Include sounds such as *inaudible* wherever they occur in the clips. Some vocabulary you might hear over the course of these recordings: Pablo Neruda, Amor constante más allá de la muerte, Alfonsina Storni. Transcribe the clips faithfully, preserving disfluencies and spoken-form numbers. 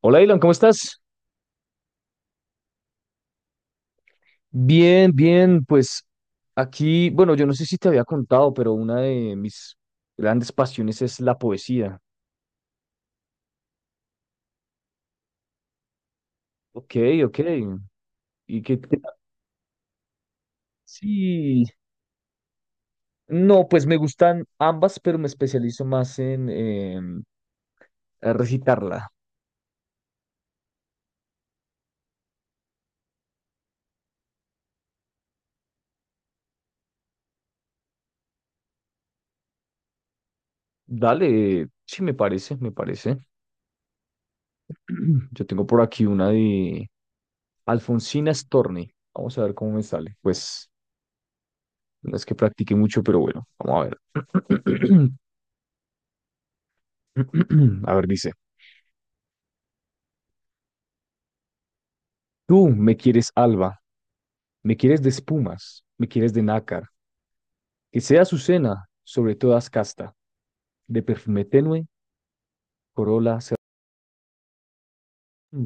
Hola, Ilan, ¿cómo estás? Bien, bien, pues aquí, bueno, yo no sé si te había contado, pero una de mis grandes pasiones es la poesía. Ok, ok. ¿Y qué? Qué- Sí, no, pues me gustan ambas, pero me especializo más en em, a recitarla. Dale, sí, me parece, me parece. *clears throat* Yo tengo por aquí una de Alfonsina Storni. Vamos a ver cómo me sale. Pues no es que practique mucho, pero bueno, vamos a ver. *clears throat* A ver, dice. Tú me quieres alba, me quieres de espumas, me quieres de nácar, que sea su cena sobre todas casta, de perfume tenue, corola cer- Mm.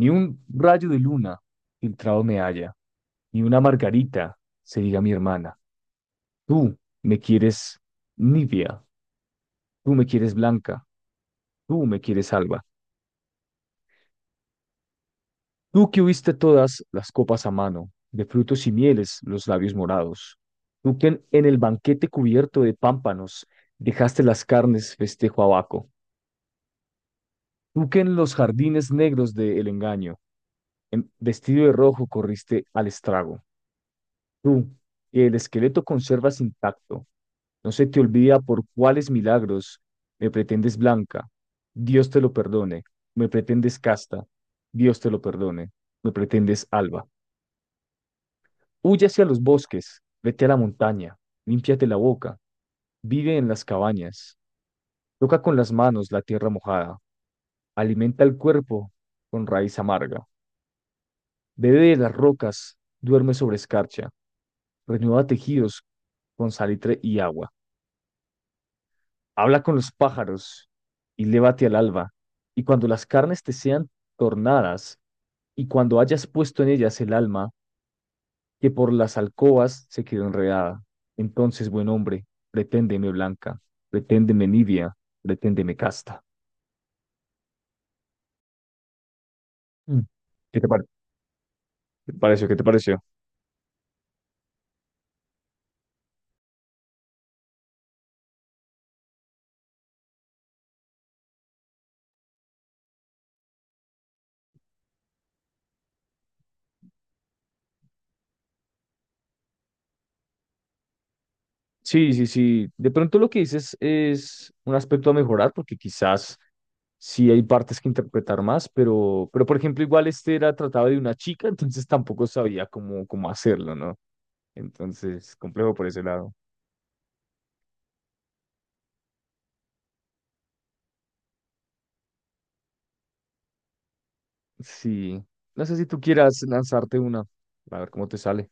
Ni un rayo de luna filtrado me halla, ni una margarita se diga mi hermana. Tú me quieres nibia, tú me quieres blanca, tú me quieres alba. Tú que huiste todas las copas a mano, de frutos y mieles los labios morados. Tú que en en el banquete cubierto de pámpanos dejaste las carnes festejo abaco. Tú que en los jardines negros del engaño, en- vestido de rojo, corriste al estrago. Tú que el esqueleto conservas intacto, no se te olvida por cuáles milagros me pretendes blanca. Dios te lo perdone. Me pretendes casta. Dios te lo perdone. Me pretendes alba. Huye hacia los bosques, vete a la montaña, límpiate la boca, vive en las cabañas, toca con las manos la tierra mojada, alimenta el cuerpo con raíz amarga. Bebe de las rocas, duerme sobre escarcha, renueva tejidos con salitre y agua. Habla con los pájaros y lévate al alba. Y cuando las carnes te sean tornadas, y cuando hayas puesto en ellas el alma, que por las alcobas se quedó enredada. Entonces, buen hombre, preténdeme blanca, preténdeme nibia, preténdeme casta. Mm. ¿Qué te, par- te pareció? ¿Qué te pareció? Sí, sí, sí. De pronto lo que dices es un aspecto a mejorar, porque quizás sí hay partes que interpretar más, pero, pero por ejemplo, igual este era tratado de una chica, entonces tampoco sabía cómo, cómo hacerlo, ¿no? Entonces, complejo por ese lado. Sí. No sé si tú quieras lanzarte una, a ver cómo te sale.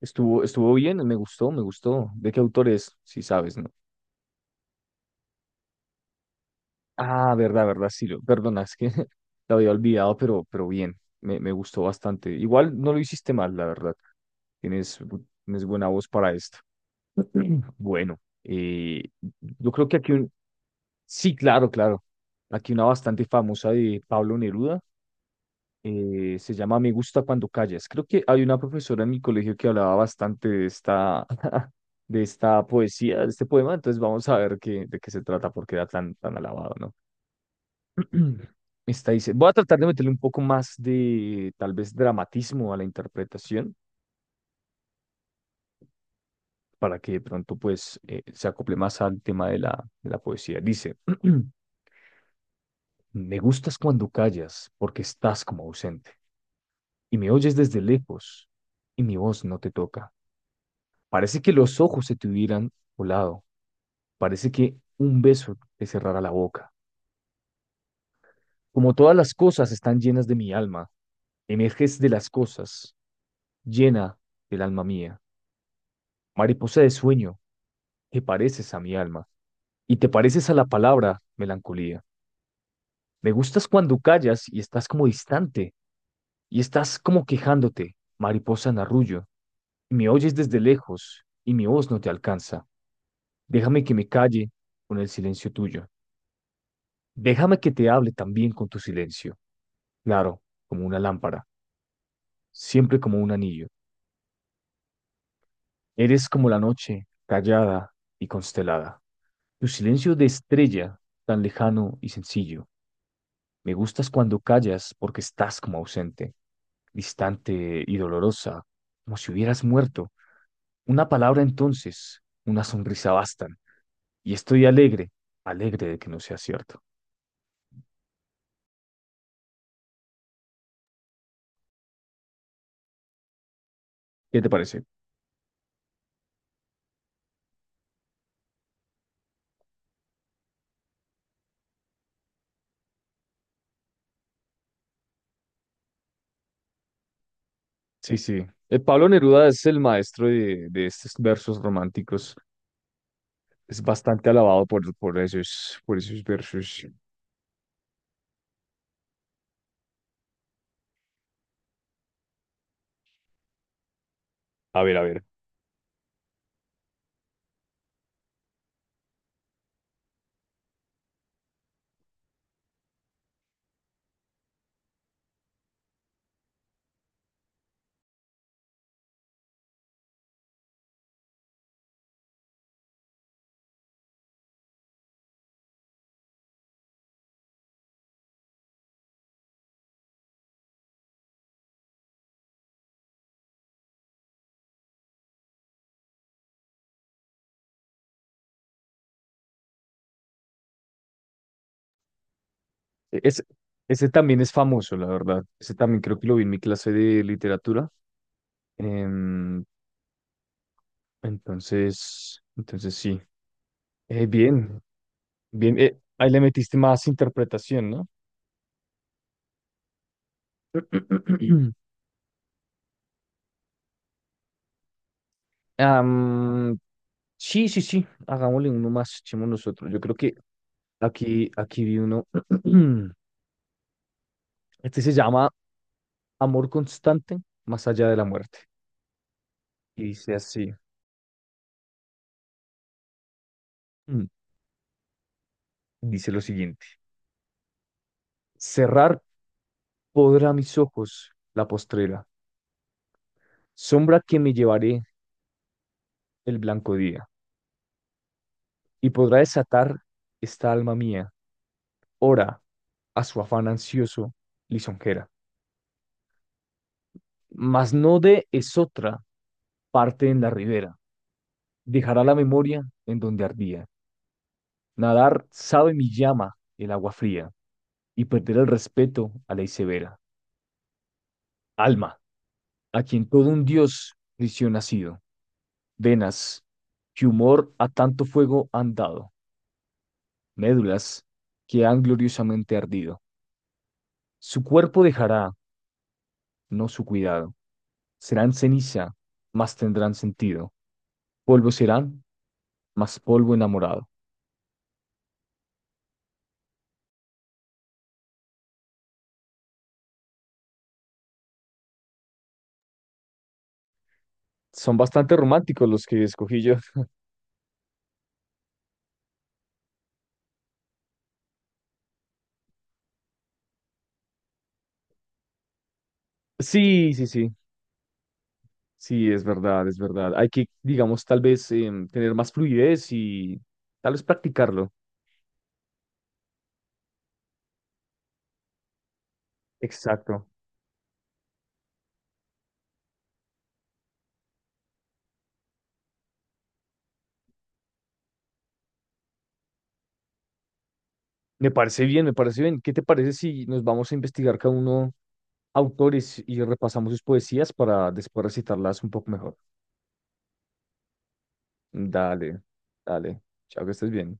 Estuvo, estuvo bien, me gustó, me gustó. ¿De qué autor es? Si sabes, ¿no? Ah, verdad, verdad, sí, lo, perdona, es que *laughs* lo había olvidado, pero, pero bien, me, me gustó bastante. Igual no lo hiciste mal, la verdad. Tienes, bu- tienes buena voz para esto. *clears throat* Bueno, eh, yo creo que aquí un... Sí, claro, claro. Aquí una bastante famosa de Pablo Neruda. Eh, se llama Me gusta cuando callas. Creo que hay una profesora en mi colegio que hablaba bastante de esta, *laughs* de esta poesía, de este poema. Entonces vamos a ver qué, de qué se trata, porque era tan, tan alabado, ¿no? *clears throat* Está dice, voy a tratar de meterle un poco más de tal vez dramatismo a la interpretación para que de pronto pues eh, se acople más al tema de la, de la poesía. Dice, *clears throat* me gustas cuando callas porque estás como ausente y me oyes desde lejos y mi voz no te toca. Parece que los ojos se te hubieran volado, parece que un beso te cerrara la boca. Como todas las cosas están llenas de mi alma, emerges de las cosas, llena del alma mía. Mariposa de sueño. Te pareces a mi alma y te pareces a la palabra melancolía. Me gustas cuando callas y estás como distante y estás como quejándote, mariposa en arrullo. Me oyes desde lejos y mi voz no te alcanza. Déjame que me calle con el silencio tuyo. Déjame que te hable también con tu silencio. Claro, como una lámpara, siempre como un anillo. Eres como la noche, callada y constelada. Tu silencio de estrella, tan lejano y sencillo. Me gustas cuando callas porque estás como ausente, distante y dolorosa, como si hubieras muerto. Una palabra entonces, una sonrisa bastan. Y estoy alegre, alegre de que no sea cierto. ¿Qué te parece? Sí, sí. Eh, Pablo Neruda es el maestro de, de estos versos románticos. Es bastante alabado por, por esos, por esos versos. A ver, a ver. E- Es, ese también es famoso, la verdad. Ese también creo que lo vi en mi clase de literatura. Em, Entonces, entonces sí. Eh, bien, bien. Eh, ahí le metiste más interpretación, ¿no? *clears throat* Am, sí, sí, sí. Hagámosle uno más, echemos nosotros. Yo creo que aquí, aquí vi uno. *clears throat* Este se llama Amor constante más allá de la muerte. Y dice así. mm, Dice lo siguiente. Cerrar podrá mis ojos la postrera, sombra que me llevaré el blanco día, y podrá desatar esta alma mía ora a su afán ansioso lisonjera. Mas no de esotra parte en la ribera, dejará la memoria en donde ardía. Nadar sabe mi llama el agua fría, y perder el respeto a ley severa. Alma, a quien todo un dios prisión ha sido. Venas, que humor a tanto fuego han dado. Médulas, que han gloriosamente ardido. Su cuerpo dejará, no su cuidado. Serán ceniza, mas tendrán sentido. Polvo serán, más polvo enamorado. Son bastante románticos los que escogí yo. *laughs* Sí, sí, sí. Sí, es verdad, es verdad. Hay que, digamos, tal vez em, tener más fluidez y tal vez practicarlo. Exacto. Me parece bien, me parece bien. ¿Qué te parece si nos vamos a investigar cada uno autores y repasamos sus poesías para después recitarlas un poco mejor? Dale, dale. Chao, que estés bien.